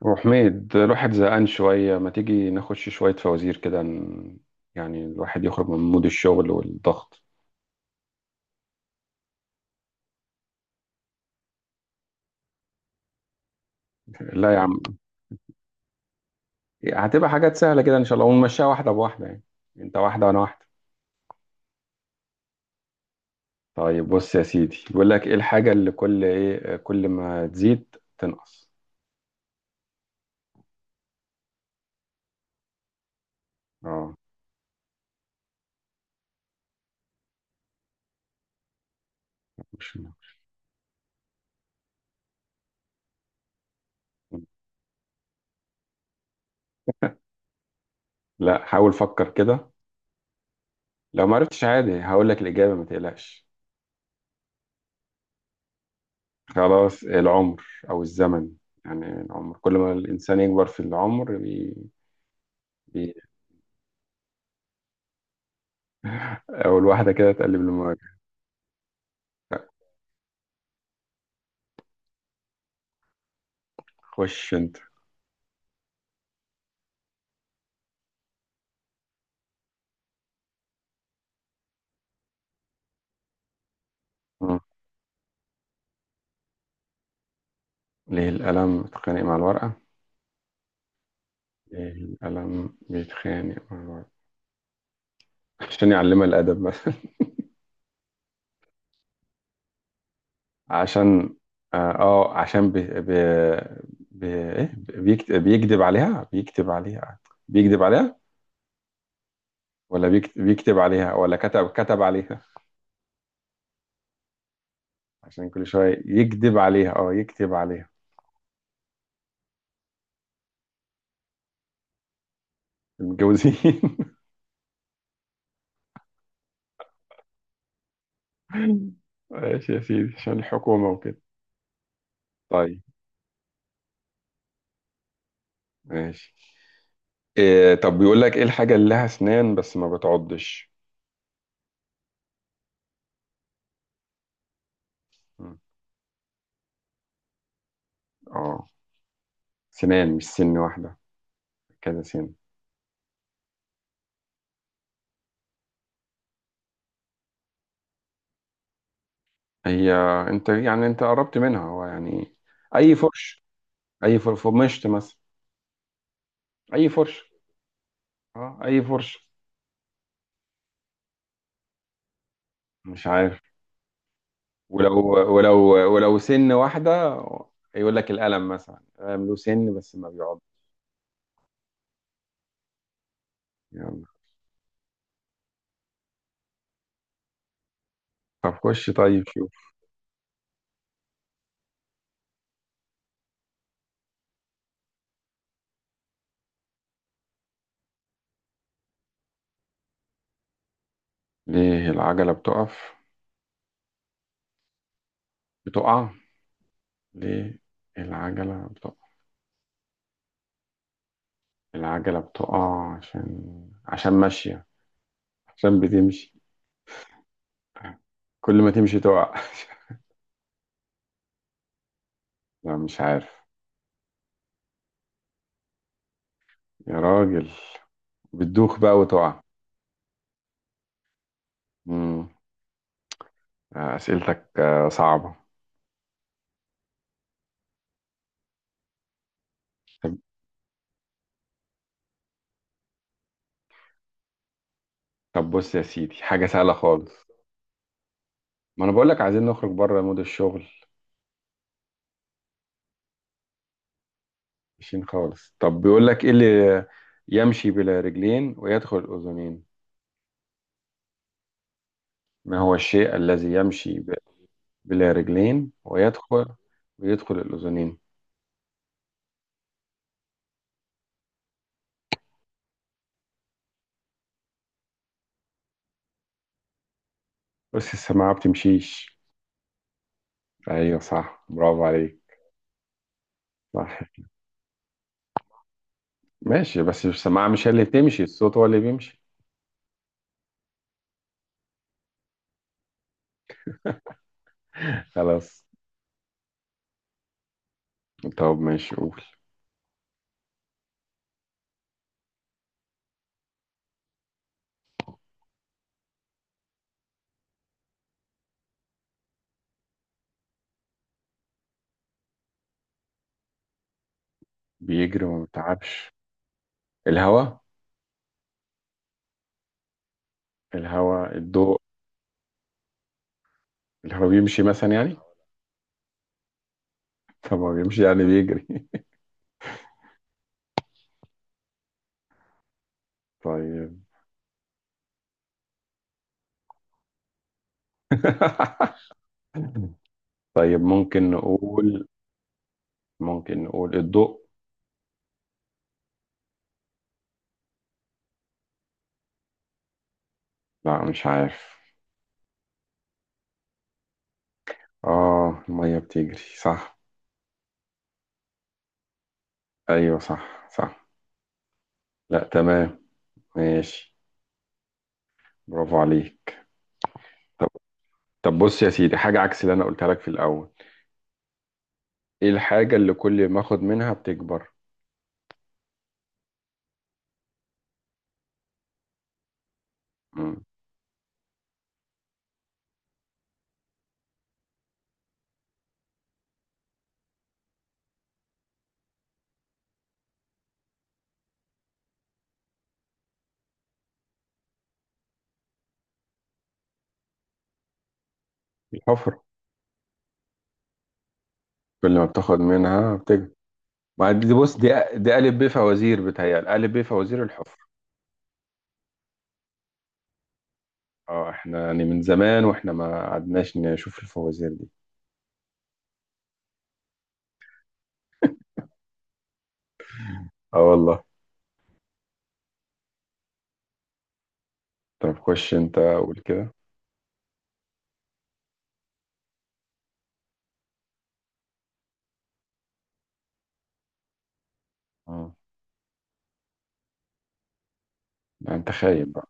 وحميد الواحد زهقان شوية، ما تيجي نخش شوية فوازير كده، يعني الواحد يخرج من مود الشغل والضغط. لا يا عم، هتبقى حاجات سهلة كده إن شاء الله ونمشيها واحدة بواحدة، يعني أنت واحدة وأنا واحدة. طيب، بص يا سيدي، بيقول لك إيه الحاجة اللي كل ما تزيد تنقص؟ أه. مش. لا، حاول فكر كده، لو ما عرفتش عادي هقول لك الإجابة، ما تقلقش. خلاص، العمر أو الزمن، يعني العمر كل ما الإنسان يكبر في العمر. بي... أول واحدة كده تقلب المواجهة. خش أنت. آه. ليه القلم بيتخانق مع الورقة؟ ليه القلم بيتخانق مع الورقة؟ عشان يعلمها الأدب مثلا. عشان، عشان بيكذب عليها، بيكتب عليها، بيكذب عليها، ولا بيكتب عليها، ولا كتب، كتب عليها. عشان كل شوية يكذب عليها، اه يكتب عليها. متجوزين. ماشي يا سيدي، عشان الحكومة وكده. طيب، ماشي. إيه طب، بيقول لك ايه الحاجة اللي لها اسنان بس ما بتعضش؟ مم. اه، سنان مش سن واحدة، كذا سن. هي. انت يعني انت قربت منها هو يعني. اي فرش، فرمشت مثلا، اي فرش. اه اي فرش. مش عارف. ولو، ولو، ولو سن واحدة، يقول لك القلم مثلا، القلم له سن بس ما بيعض. يلا. طب خش. طيب شوف. ليه العجلة بتقف؟ بتقع. ليه العجلة بتقف؟ العجلة بتقع عشان، عشان ماشية، عشان بتمشي. كل ما تمشي تقع. لا مش عارف. يا راجل، بتدوخ بقى وتقع. مم. آه، أسئلتك آه، صعبة. طب. طب بص يا سيدي، حاجة سهلة خالص. ما أنا بقولك عايزين نخرج بره مود الشغل. ماشيين خالص. طب بيقولك إيه اللي يمشي بلا رجلين ويدخل الأذنين؟ ما هو الشيء الذي يمشي بلا رجلين ويدخل، ويدخل الأذنين؟ بس السماعة بتمشيش. ايوه صح، برافو عليك. صح. ماشي بس السماعة مش هي اللي تمشي، الصوت هو اللي بيمشي. خلاص. طب ماشي قول. بيجري وما بيتعبش. الهواء، الهواء، الضوء. الهواء بيمشي مثلا يعني. طب ما بيمشي يعني بيجري. طيب. طيب ممكن نقول، ممكن نقول الضوء. لا مش عارف. اه المية بتجري صح. ايوه صح صح. لا تمام. ماشي، برافو عليك. طب. طب بص يا سيدي، حاجة عكس اللي انا قلتها لك في الاول. ايه الحاجة اللي كل ما اخد منها بتكبر؟ مم. الحفرة. كل ما بتاخد منها بتكبر. ما دي بص دي، دي ألف ب فوازير، بتهيألي ألف ب فوازير الحفرة. اه احنا يعني من زمان واحنا ما قعدناش نشوف الفوازير دي. اه والله. طب خش انت قول كده. مم. لا انت خايب بقى.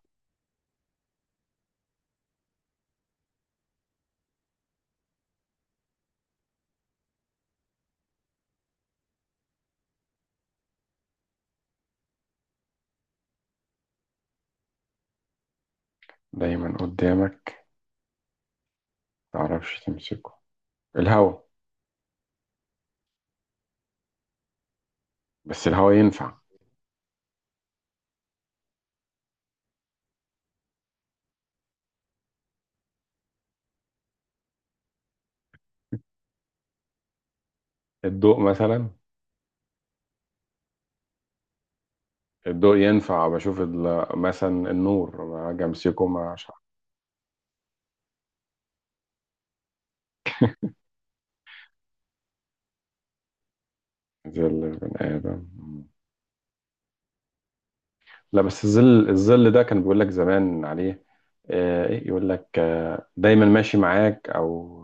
دايما قدامك متعرفش تمسكه. الهوا. بس الهوا ينفع. الضوء مثلا، الضوء ينفع، بشوف مثلا النور، ما اجي امسكه ما، مش عارف. زي البني ادم. لا بس الظل، الظل ده كان بيقول لك زمان عليه. آه، إيه يقول لك آه، دايما ماشي معاك، او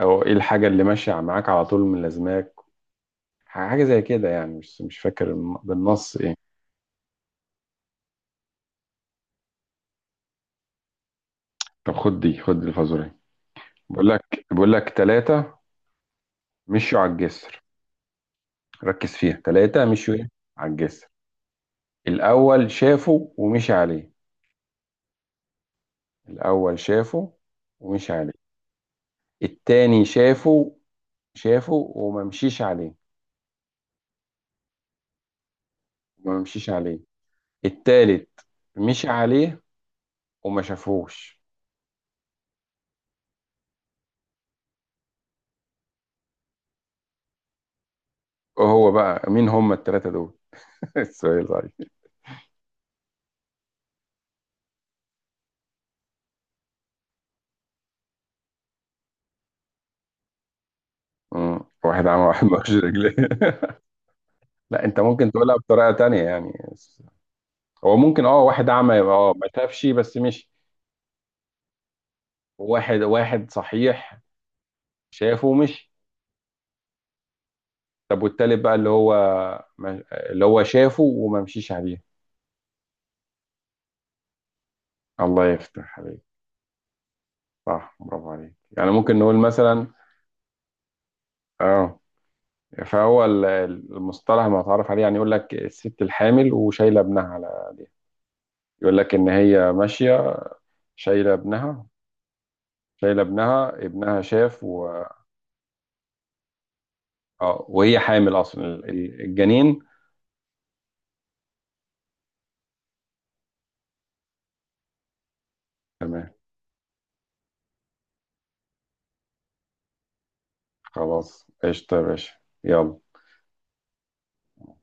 او ايه الحاجه اللي ماشيه معاك على طول من لازماك. حاجه زي كده يعني، مش مش فاكر بالنص ايه. طب خد دي، خد الفازوري. بيقول لك، بيقول لك ثلاثه مشوا على الجسر. ركز فيها، ثلاثه مشوا ايه؟ على الجسر. الاول شافه ومشي عليه. الاول شافه ومشي عليه. التاني شافه، شافه وما مشيش عليه، وما مشيش عليه. التالت مشي عليه وما شافوش. وهو بقى مين هم التلاتة دول؟ السؤال صحيح. مم. واحد عمى، واحد مالوش رجلين. لا انت ممكن تقولها بطريقة تانية يعني. هو ممكن اه، واحد اعمى يبقى اه ما شافش بس مشي. وواحد صحيح شافه ومشي. طب والتالت بقى اللي هو، اللي هو شافه وما مشيش عليه. الله يفتح عليك. صح، برافو عليك، يعني ممكن نقول مثلا اه، فهو المصطلح المتعارف عليه، يعني يقول لك الست الحامل وشايله ابنها على ايديها، يقول لك ان هي ماشيه شايله ابنها، شايله ابنها، ابنها شاف آه، وهي حامل اصلا الجنين. تمام. خلاص، قشطه يا باشا. يلا.